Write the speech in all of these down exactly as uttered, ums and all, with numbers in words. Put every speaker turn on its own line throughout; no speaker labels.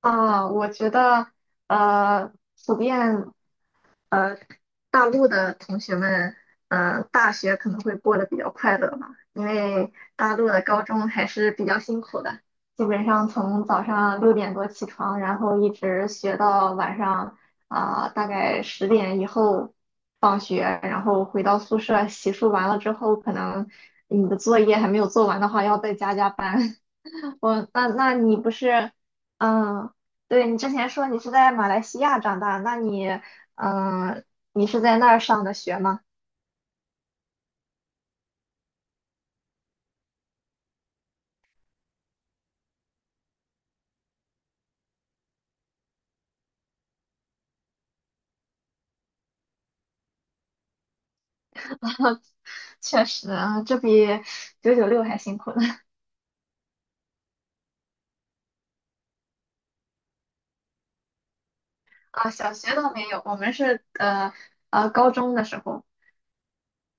啊，我觉得呃，普遍呃，大陆的同学们，嗯，大学可能会过得比较快乐吧，因为大陆的高中还是比较辛苦的，基本上从早上六点多起床，然后一直学到晚上啊，大概十点以后放学，然后回到宿舍洗漱完了之后，可能你的作业还没有做完的话，要再加加班。我那那你不是，嗯，对你之前说你是在马来西亚长大，那你嗯，你是在那儿上的学吗？确实啊，这比九九六还辛苦呢。啊，小学倒没有，我们是呃呃高中的时候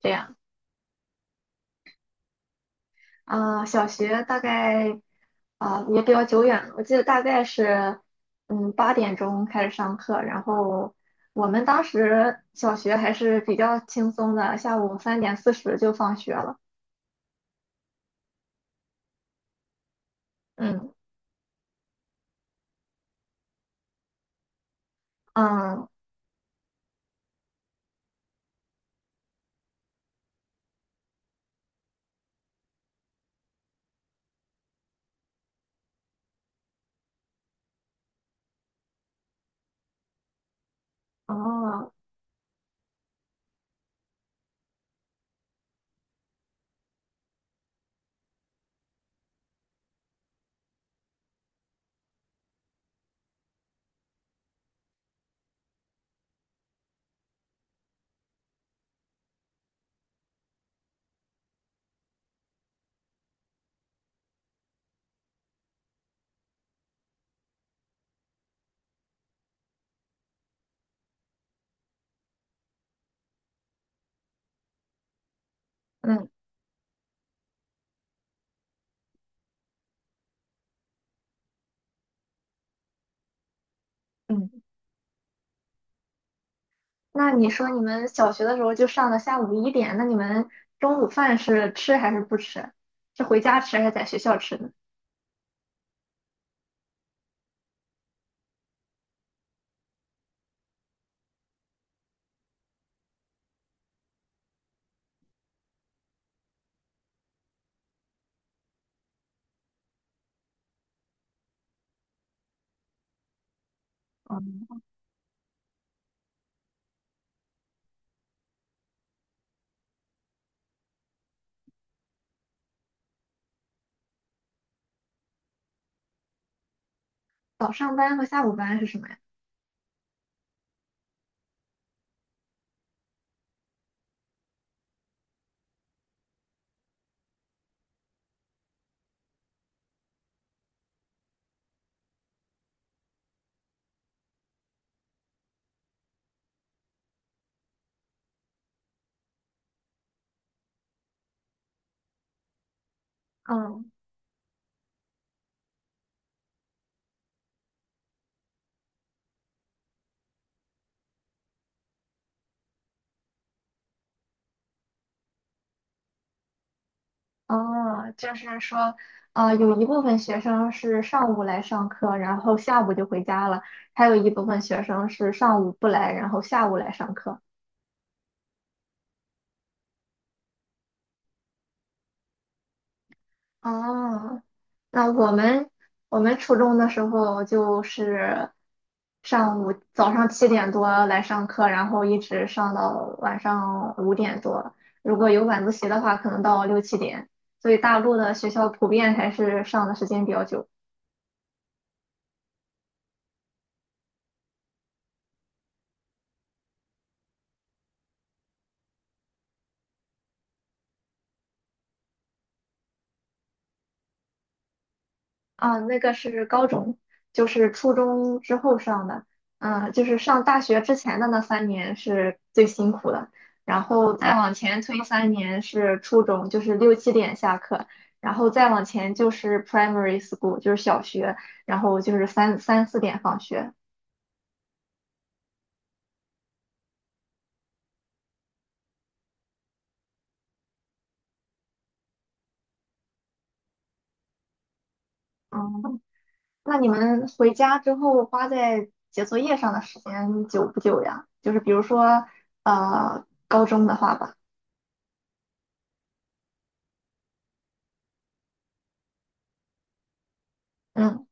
这样。啊、呃小学大概啊、也比较久远了，我记得大概是嗯八点钟开始上课，然后我们当时小学还是比较轻松的，下午三点四十就放学了。嗯。嗯，哦，嗯，嗯，那你说你们小学的时候就上到下午一点，那你们中午饭是吃还是不吃？是回家吃还是在学校吃呢？嗯早上班和下午班是什么呀？嗯。哦，就是说，啊，有一部分学生是上午来上课，然后下午就回家了；还有一部分学生是上午不来，然后下午来上课。哦，那我们我们初中的时候就是上午早上七点多来上课，然后一直上到晚上五点多。如果有晚自习的话，可能到六七点。所以大陆的学校普遍还是上的时间比较久。啊，那个是高中，就是初中之后上的，嗯，就是上大学之前的那三年是最辛苦的，然后再往前推三年是初中，就是六七点下课，然后再往前就是 primary school，就是小学，然后就是三三四点放学。嗯，那你们回家之后花在写作业上的时间久不久呀？就是比如说，呃，高中的话吧。嗯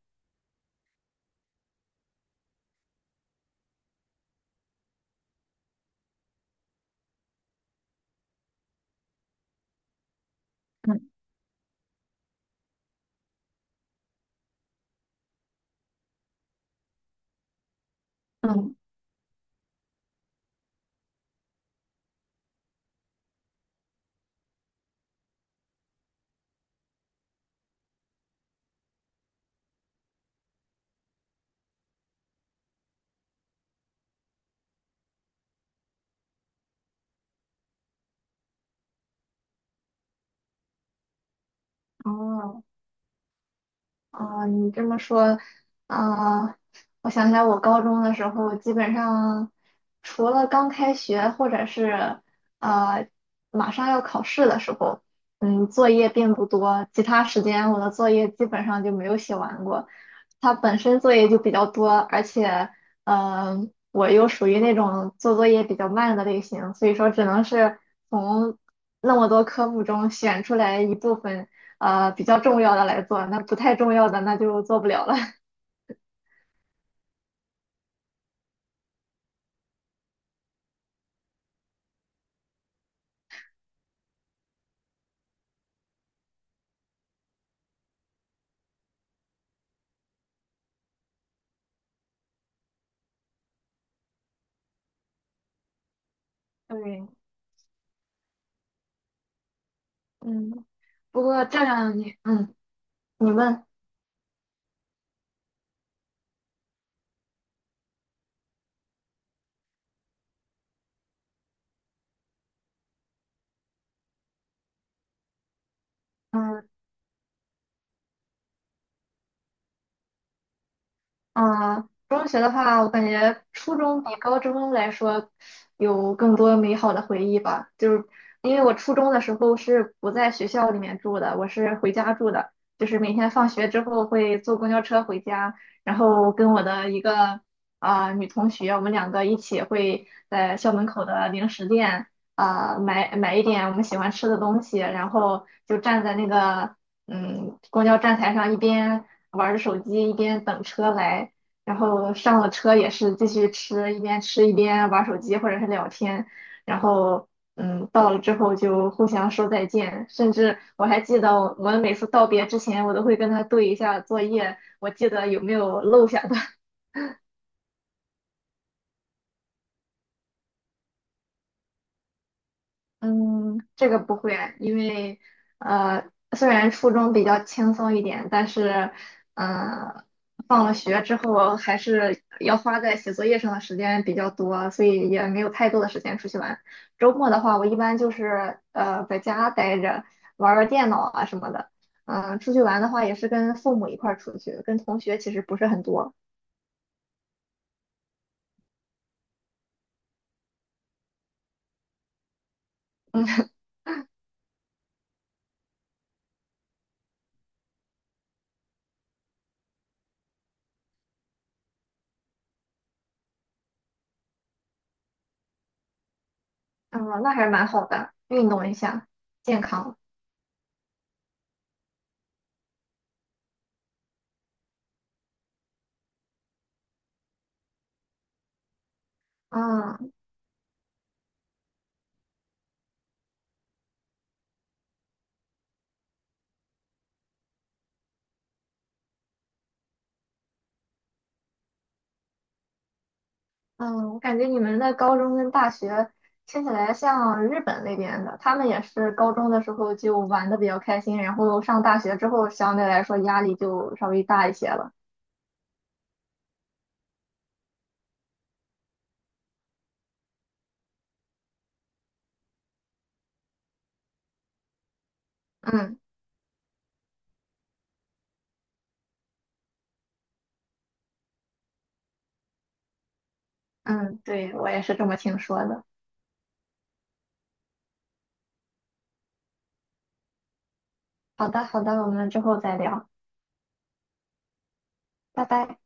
嗯。嗯，哦，啊，你这么说，啊，我想起来，我高中的时候，基本上除了刚开学或者是呃马上要考试的时候，嗯，作业并不多，其他时间我的作业基本上就没有写完过。它本身作业就比较多，而且，嗯、我又属于那种做作业比较慢的类型，所以说只能是从那么多科目中选出来一部分，呃，比较重要的来做，那不太重要的那就做不了了。对，嗯，不过这样你，嗯，你问。啊，中学的话，我感觉初中比高中来说有更多美好的回忆吧。就是因为我初中的时候是不在学校里面住的，我是回家住的，就是每天放学之后会坐公交车回家，然后跟我的一个啊、女同学，我们两个一起会在校门口的零食店啊、买买一点我们喜欢吃的东西，然后就站在那个嗯公交站台上一边玩着手机，一边等车来，然后上了车也是继续吃，一边吃一边玩手机或者是聊天，然后嗯，到了之后就互相说再见，甚至我还记得我们每次道别之前，我都会跟他对一下作业，我记得有没有漏下的。嗯，这个不会，因为呃，虽然初中比较轻松一点，但是，呃，放了学之后还是要花在写作业上的时间比较多，所以也没有太多的时间出去玩。周末的话，我一般就是呃在家待着，玩儿玩儿电脑啊什么的。嗯、出去玩的话也是跟父母一块儿出去，跟同学其实不是很多。嗯、那还是蛮好的，运动一下，健康。嗯。嗯，我感觉你们的高中跟大学听起来像日本那边的，他们也是高中的时候就玩的比较开心，然后上大学之后相对来说压力就稍微大一些了。嗯嗯，对，我也是这么听说的。好的好的，我们之后再聊，拜拜。